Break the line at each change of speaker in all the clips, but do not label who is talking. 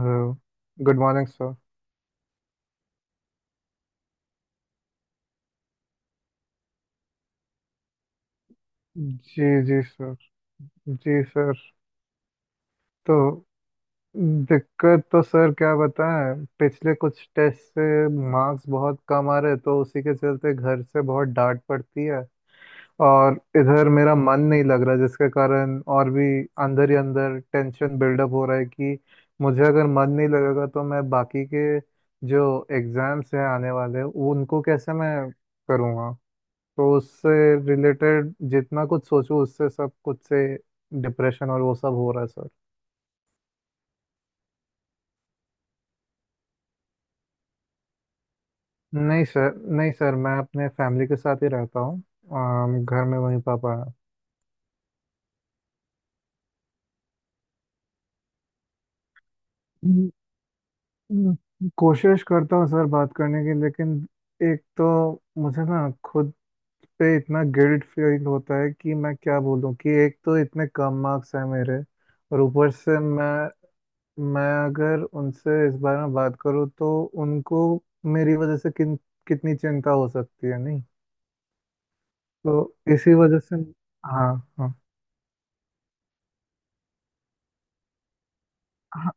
Hello. Good morning sir. जी जी sir. जी सर। तो दिक्कत तो सर क्या बताएं, पिछले कुछ टेस्ट से मार्क्स बहुत कम आ रहे, तो उसी के चलते घर से बहुत डांट पड़ती है। और इधर मेरा मन नहीं लग रहा, जिसके कारण और भी अंदर ही अंदर टेंशन बिल्डअप हो रहा है कि मुझे अगर मन नहीं लगेगा तो मैं बाकी के जो एग्ज़ाम्स हैं आने वाले उनको कैसे मैं करूँगा। तो उससे रिलेटेड जितना कुछ सोचूं उससे सब कुछ से डिप्रेशन और वो सब हो रहा है सर। नहीं सर, नहीं सर, मैं अपने फैमिली के साथ ही रहता हूँ। घर में वही पापा हैं। हम्म, कोशिश करता हूँ सर बात करने की, लेकिन एक तो मुझे ना खुद पे इतना गिल्ट फील होता है कि मैं क्या बोलूँ, कि एक तो इतने कम मार्क्स हैं मेरे। और ऊपर से मैं अगर उनसे इस बारे में बात करूँ, तो उनको मेरी वजह से किन कितनी चिंता हो सकती है, नहीं। तो इसी वजह से। हाँ, हाँ। हाँ,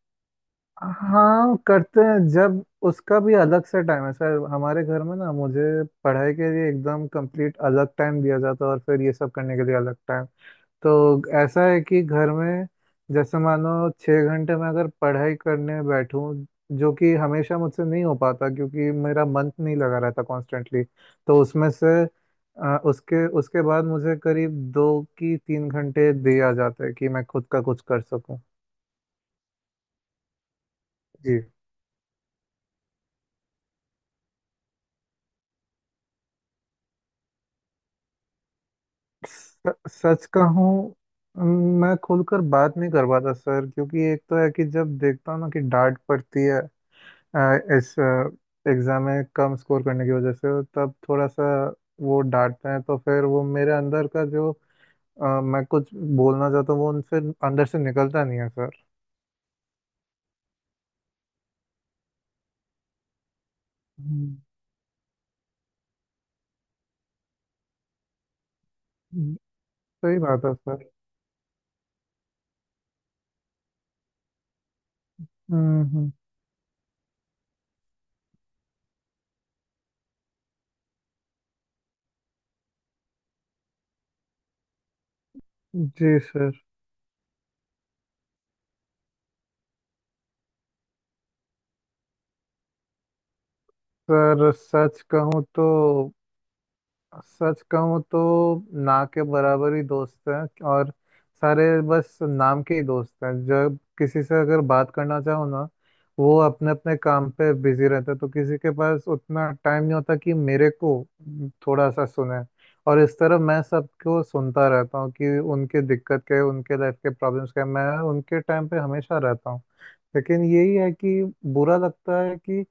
हाँ, करते हैं, जब उसका भी अलग से टाइम है सर। हमारे घर में ना मुझे पढ़ाई के लिए एकदम कंप्लीट अलग टाइम दिया जाता है, और फिर ये सब करने के लिए अलग टाइम। तो ऐसा है कि घर में, जैसे मानो छः घंटे में अगर पढ़ाई करने बैठूं, जो कि हमेशा मुझसे नहीं हो पाता क्योंकि मेरा मन नहीं लगा रहता कॉन्स्टेंटली, तो उसमें से उसके उसके बाद मुझे करीब दो की तीन घंटे दे आ जाते हैं कि मैं खुद का कुछ कर सकूं। जी। सच कहूं, मैं खुलकर बात नहीं कर पाता सर, क्योंकि एक तो है कि जब देखता हूँ ना कि डांट पड़ती है इस एग्ज़ाम में कम स्कोर करने की वजह से, तब थोड़ा सा वो डांटते हैं, तो फिर वो मेरे अंदर का जो मैं कुछ बोलना चाहता हूँ वो उनसे अंदर से निकलता नहीं है सर। हम्म, हम्म, सही बात है सर। हम्म, हम्म। जी सर। सर सच कहूँ तो ना के बराबर ही दोस्त हैं। और सारे बस नाम के ही दोस्त हैं। जब किसी से अगर बात करना चाहो ना, वो अपने अपने काम पे बिजी रहते हैं, तो किसी के पास उतना टाइम नहीं होता कि मेरे को थोड़ा सा सुने। और इस तरह मैं सबको सुनता रहता हूँ कि उनके दिक्कत क्या है, उनके लाइफ के प्रॉब्लम्स क्या है, मैं उनके टाइम पे हमेशा रहता हूँ। लेकिन यही है कि बुरा लगता है कि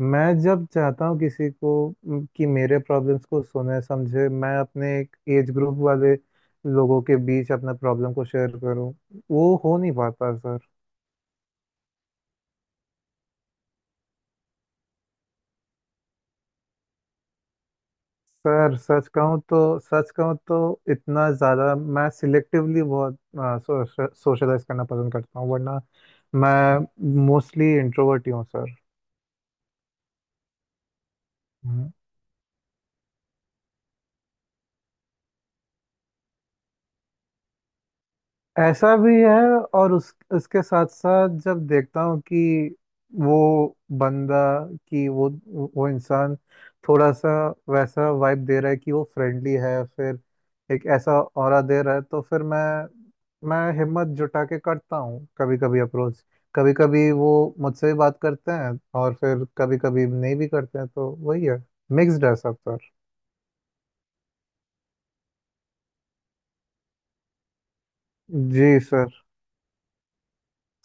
मैं जब चाहता हूँ किसी को, कि मेरे प्रॉब्लम्स को सुने समझे, मैं अपने एक एज ग्रुप वाले लोगों के बीच अपने प्रॉब्लम को शेयर करूँ, वो हो नहीं पाता सर। सर सच कहूँ तो इतना ज़्यादा, मैं सिलेक्टिवली बहुत सोशलाइज करना पसंद करता हूँ, वरना मैं मोस्टली इंट्रोवर्ट ही हूँ सर। हम्म। ऐसा भी है। और उस उसके साथ साथ जब देखता हूँ कि वो बंदा, कि वो इंसान थोड़ा सा वैसा वाइब दे रहा है कि वो फ्रेंडली है, फिर एक ऐसा ऑरा दे रहा है, तो फिर मैं हिम्मत जुटा के करता हूँ कभी कभी अप्रोच। कभी कभी वो मुझसे भी बात करते हैं, और फिर कभी कभी नहीं भी करते हैं, तो वही है, मिक्स्ड है सब सर। जी सर।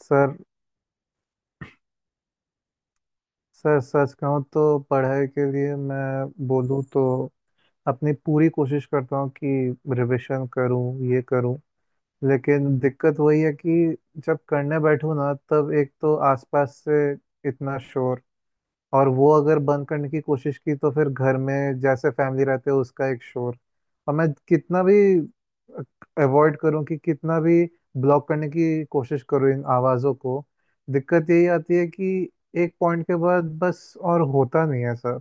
सर सर सच कहूँ तो पढ़ाई के लिए मैं बोलूँ तो अपनी पूरी कोशिश करता हूँ कि रिवीजन करूँ, ये करूँ। लेकिन दिक्कत वही है कि जब करने बैठूँ ना, तब एक तो आसपास से इतना शोर। और वो अगर बंद करने की कोशिश की तो फिर घर में जैसे फैमिली रहते हैं उसका एक शोर। और मैं कितना भी अवॉइड करूं, कि कितना भी ब्लॉक करने की कोशिश करूं इन आवाज़ों को, दिक्कत यही आती है कि एक पॉइंट के बाद बस और होता नहीं है सर।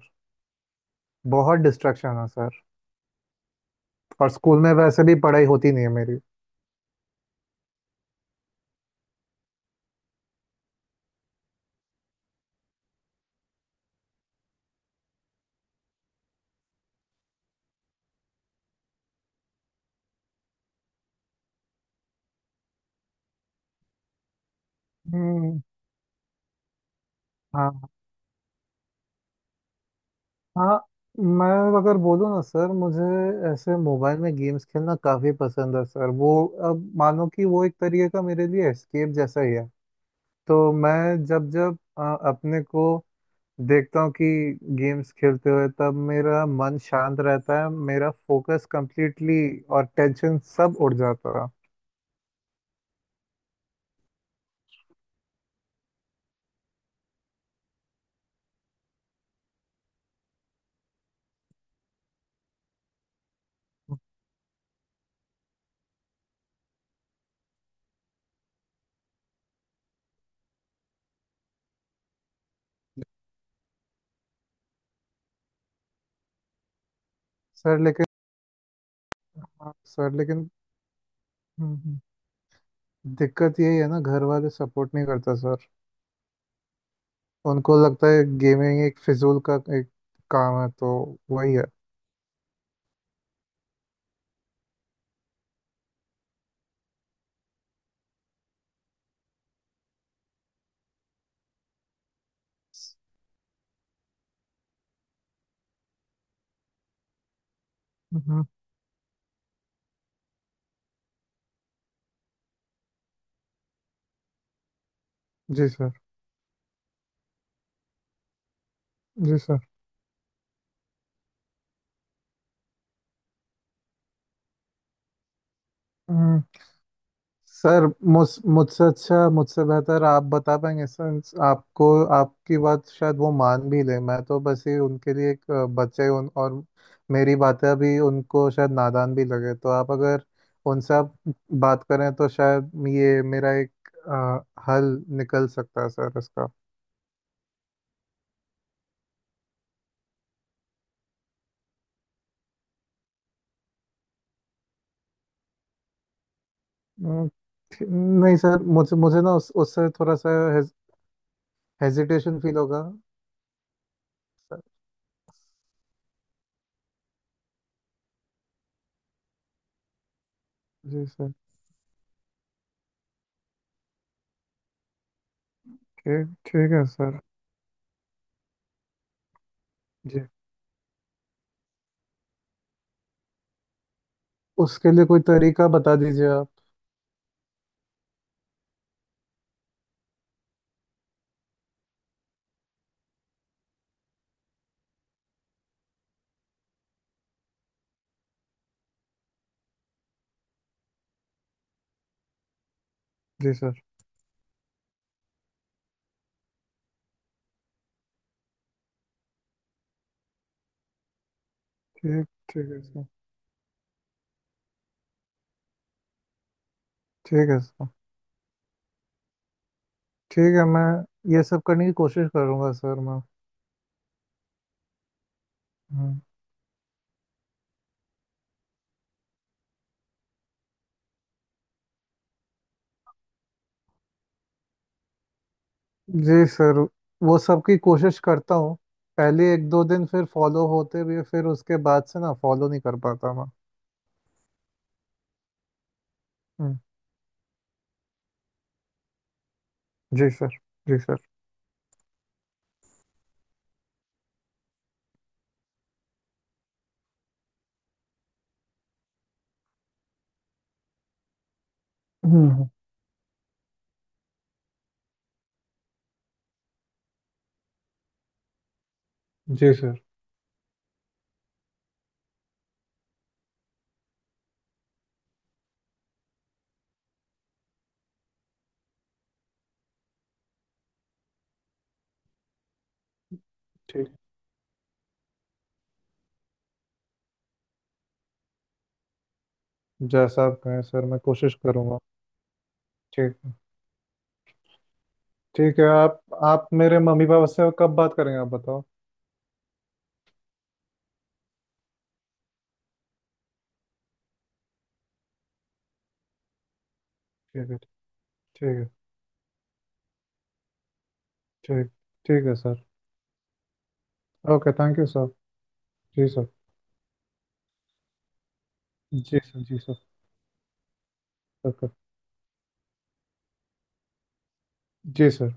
बहुत डिस्ट्रैक्शन है सर। और स्कूल में वैसे भी पढ़ाई होती नहीं है मेरी। हम्म। हाँ, हाँ। मैं अगर बोलूँ ना सर, मुझे ऐसे मोबाइल में गेम्स खेलना काफ़ी पसंद है सर। वो अब मानो कि वो एक तरीके का मेरे लिए एस्केप जैसा ही है। तो मैं जब जब अपने को देखता हूँ कि गेम्स खेलते हुए, तब मेरा मन शांत रहता है, मेरा फोकस कंप्लीटली, और टेंशन सब उड़ जाता है। सर लेकिन। हाँ, सर लेकिन। हम्म, हम्म, दिक्कत यही है ना, घर वाले सपोर्ट नहीं करता सर। उनको लगता है गेमिंग एक फिजूल का एक काम है, तो वही है। हम्म। जी सर। जी सर। हम्म। सर, मुझ मुझसे अच्छा, मुझसे बेहतर आप बता पाएंगे सर। आपको, आपकी बात शायद वो मान भी ले। मैं तो बस ही उनके लिए एक बच्चा ही उन, और मेरी बातें अभी उनको शायद नादान भी लगे। तो आप अगर उनसे, आप बात करें तो शायद ये मेरा एक हल निकल सकता है सर इसका। हम्म। नहीं सर, मुझे मुझे ना उस उससे थोड़ा सा हेजिटेशन फील होगा सर। जी सर। ठीक ठीक है सर। जी। उसके लिए कोई तरीका बता दीजिए आप। जी सर। ठीक ठीक है सर। ठीक है सर। ठीक है, मैं ये सब करने की कोशिश करूंगा सर मैं। हम्म। जी सर। वो सब की कोशिश करता हूँ। पहले एक दो दिन फिर फॉलो होते हुए, फिर उसके बाद से ना फॉलो नहीं कर पाता मैं। हम्म। जी सर। जी सर। हम्म। जी सर। ठीक। जैसा आप कहें सर, मैं कोशिश करूंगा। ठीक है। ठीक है, आप मेरे मम्मी पापा से कब बात करेंगे, आप बताओ। ठीक है। ठीक है। ठीक ठीक है sir. Okay, thank you sir. जी सर। जी सर। जी सर। ओके। जी सर।